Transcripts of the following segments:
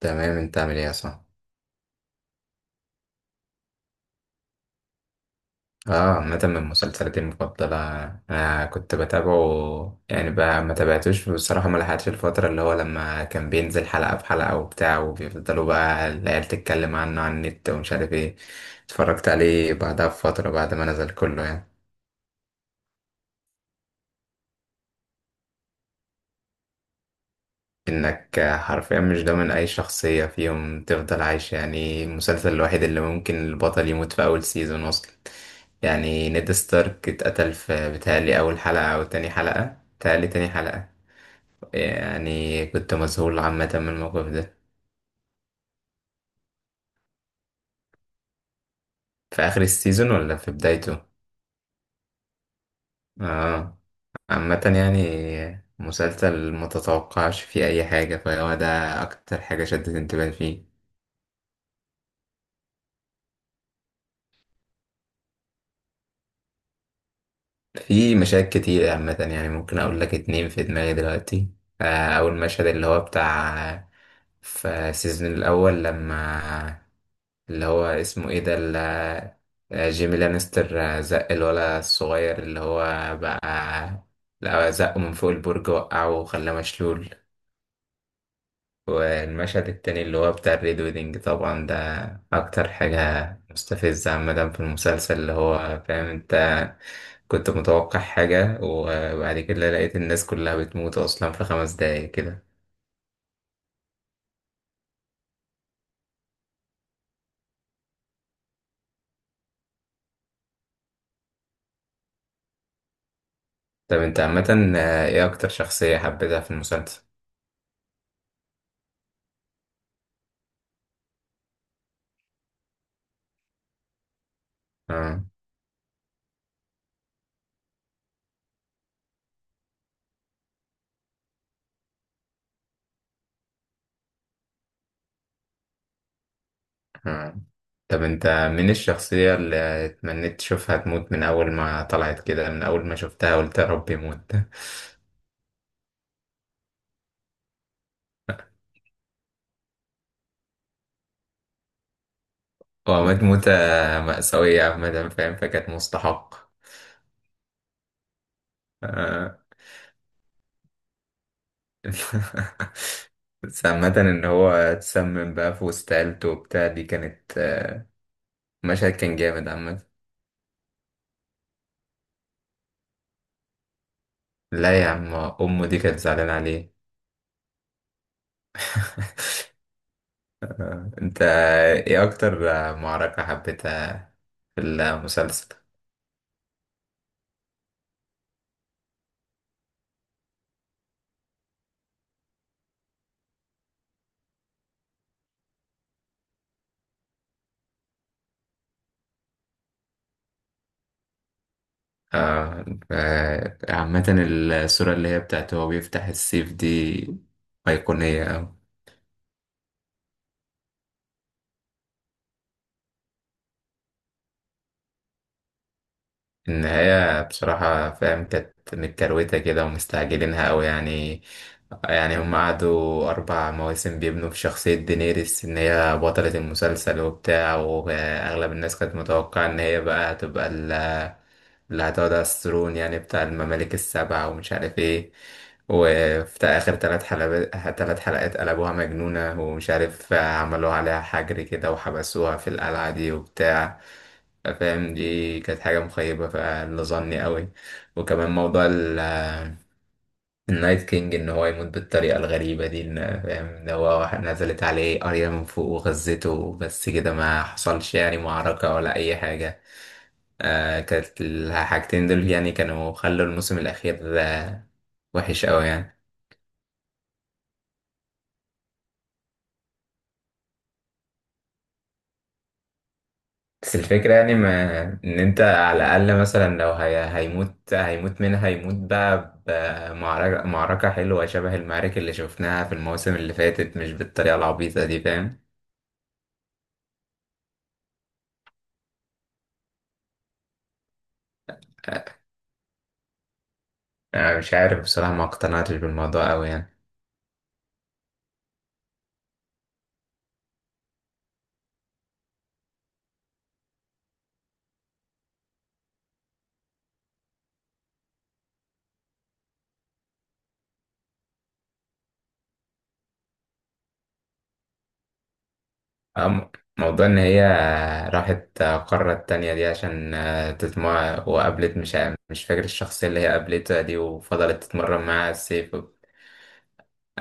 تمام، انت عامل ايه يا صاحبي؟ اه. عامة من مسلسلاتي المفضلة. انا كنت بتابعه يعني، بقى ما تابعتوش بصراحة، ما لحقتش الفترة اللي هو لما كان بينزل حلقة في حلقة وبتاع، وبيفضلوا بقى العيال تتكلم عنه على النت ومش عارف ايه. اتفرجت عليه بعدها بفترة بعد ما نزل كله يعني. انك حرفيا مش ضامن اي شخصية فيهم تفضل عايشة. يعني المسلسل الوحيد اللي ممكن البطل يموت في اول سيزون اصلا. يعني نيد ستارك اتقتل في بتهيألي أول حلقة أو تاني حلقة، بتهيألي تاني حلقة. يعني كنت مذهول عامة من الموقف ده. في آخر السيزون ولا في بدايته؟ اه. عامة يعني، مسلسل ما تتوقعش فيه أي حاجة فهو ده. أكتر حاجة شدت انتباهي فيه. في مشاهد كتير عامة يعني، ممكن أقول لك اتنين في دماغي دلوقتي. آه، أول مشهد اللي هو بتاع في السيزون الأول لما اللي هو اسمه ايه ده جيمي لانستر، زق الولا الصغير اللي هو بقى، لا زقه من فوق البرج، وقعه وخلاه مشلول. والمشهد التاني اللي هو بتاع الريد ويدنج، طبعا ده أكتر حاجة مستفزة عامة في المسلسل، اللي هو فاهم انت كنت متوقع حاجة وبعد كده لقيت الناس كلها بتموت أصلا في 5 دقايق كده. طب انت عامة ايه أكتر شخصية حبيتها في المسلسل؟ آه. آه. طب انت، من الشخصية اللي اتمنيت تشوفها تموت من أول ما طلعت كده، من أول ما شفتها قلت يا رب يموت؟ هو مات موتة مأساوية عامة فاهم، فكانت مستحق. آه. بس عامة إن هو اتسمم بقى في وسط عيلته وبتاع، دي كانت مشهد كان جامد عامة. لا يا عم، أمه دي كانت زعلانة عليه. انت ايه أكتر معركة حبيتها في المسلسل؟ عامة، الصورة اللي هي بتاعت هو بيفتح السيف دي أيقونية أوي. النهاية بصراحة فاهم كانت متكروتة كده، ومستعجلينها أوي يعني. يعني هم قعدوا 4 مواسم بيبنوا في شخصية دينيريس، إن هي بطلة المسلسل وبتاع، وأغلب الناس كانت متوقعة إن هي بقى هتبقى اللي هتقعد على الثرون، يعني بتاع الممالك السبع، ومش عارف ايه. وفي آخر ثلاث حلقات قلبوها مجنونة، ومش عارف عملوا عليها حجر كده وحبسوها في القلعة دي وبتاع. فاهم، دي كانت حاجة مخيبة فاللي ظني قوي. وكمان موضوع النايت كينج ان هو يموت بالطريقة الغريبة دي، فاهم ده هو واحد نزلت عليه قرية من فوق وغزته، بس كده ما حصلش يعني معركة ولا اي حاجة. آه كانت الحاجتين دول يعني كانوا خلوا الموسم الأخير وحش أوي يعني. بس الفكرة يعني، ما إن أنت على الأقل مثلا لو هي هيموت منها، هيموت بقى بمعركة، معركة حلوة شبه المعارك اللي شفناها في المواسم اللي فاتت، مش بالطريقة العبيطة دي فاهم. آه مش عارف بصراحة، ما اقتنعتش بالموضوع أوي يعني. أم- موضوع إن هي راحت قارة تانية دي عشان تتمرن، وقابلت مش فاكر الشخصية اللي هي قابلتها دي، وفضلت تتمرن معاها السيف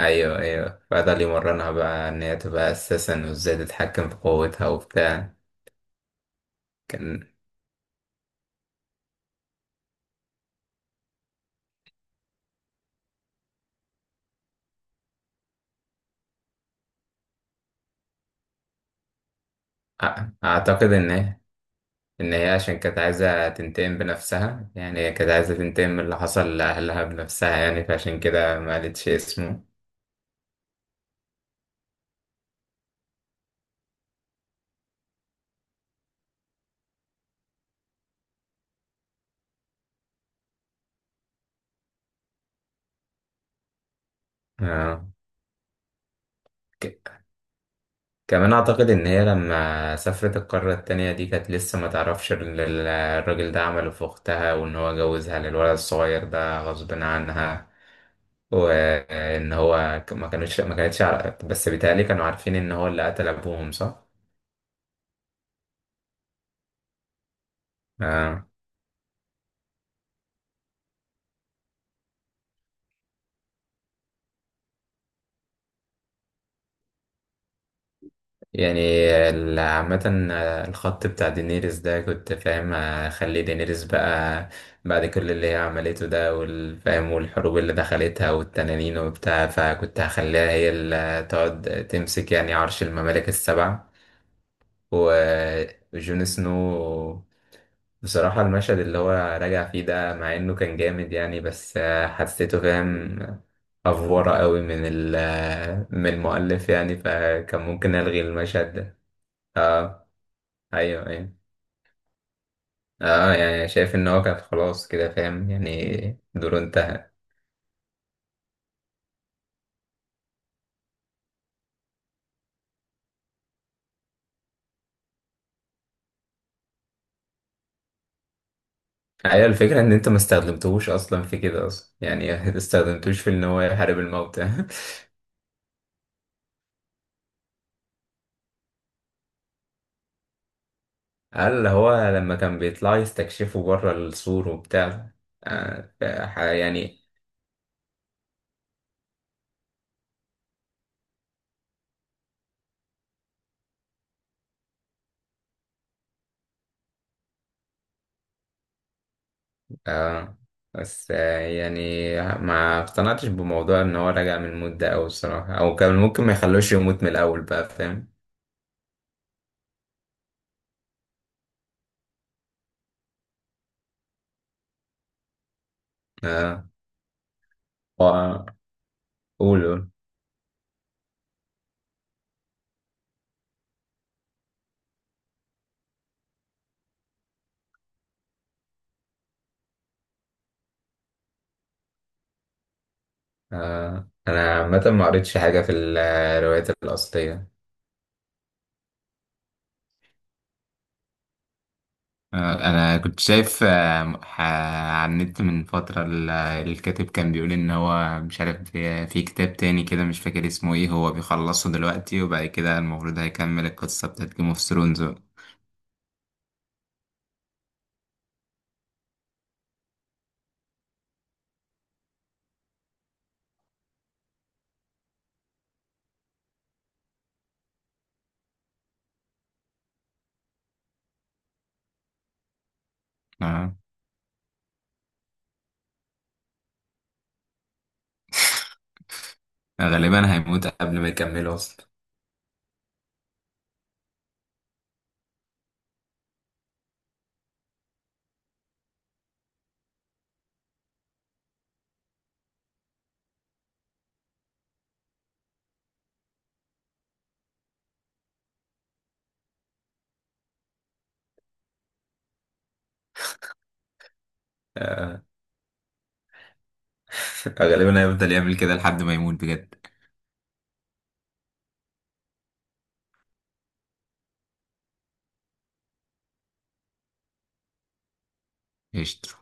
أيوه، أيوه، فضل يمرنها بقى إن هي تبقى أساسا وإزاي تتحكم في قوتها وبتاع. كان أ- أعتقد إن هي عشان كانت عايزة تنتقم بنفسها، يعني هي كانت عايزة تنتقم من اللي حصل لأهلها بنفسها، يعني فعشان كده ما قالتش اسمه. آه. كمان أعتقد إن هي لما سافرت القارة التانية دي كانت لسه ما تعرفش الراجل ده عمله في أختها، وإن هو جوزها للولد الصغير ده غصب عنها، وإن هو ما كانتش عارفة، بس بيتهيألي كانوا عارفين إن هو اللي قتل أبوهم صح؟ آه. يعني عامة الخط بتاع دينيريس ده، كنت فاهم اخلي دينيريس بقى بعد كل اللي هي عملته ده والفاهم والحروب اللي دخلتها والتنانين وبتاع، فكنت هخليها هي اللي تقعد تمسك يعني عرش الممالك السبع. و- وجون سنو بصراحة، المشهد اللي هو راجع فيه ده، مع انه كان جامد يعني، بس حسيته فاهم افورة قوي من المؤلف، يعني فكان ممكن الغي المشهد ده. اه، ايوه، ايوه. اه، يعني شايف ان هو كان خلاص كده فاهم، يعني دوره انتهى. ايوه، الفكره ان انت ما استخدمتهوش اصلا في كده اصلا يعني ما استخدمتوش في ان هو يحارب الموتى. قال هو لما كان بيطلع يستكشفوا بره السور وبتاع. آه ف- يعني، اه بس يعني ما اقتنعتش بموضوع ان هو رجع من الموت ده، او الصراحه او كان ممكن ما يخلوش يموت من الاول بقى فاهم. اه، هو- قول قول. آه. أنا عامة ما قريتش حاجة في الروايات الأصلية. انا كنت شايف على النت من فترة، الكاتب كان بيقول ان هو مش عارف، في كتاب تاني كده مش فاكر اسمه ايه، هو بيخلصه دلوقتي وبعد كده المفروض هيكمل القصة بتاعت جيم اوف ثرونز. غالبا هيموت قبل ما يكمله اصلا. آه. غالبا هيفضل يعمل كده لحد ما يموت بجد. قشطة.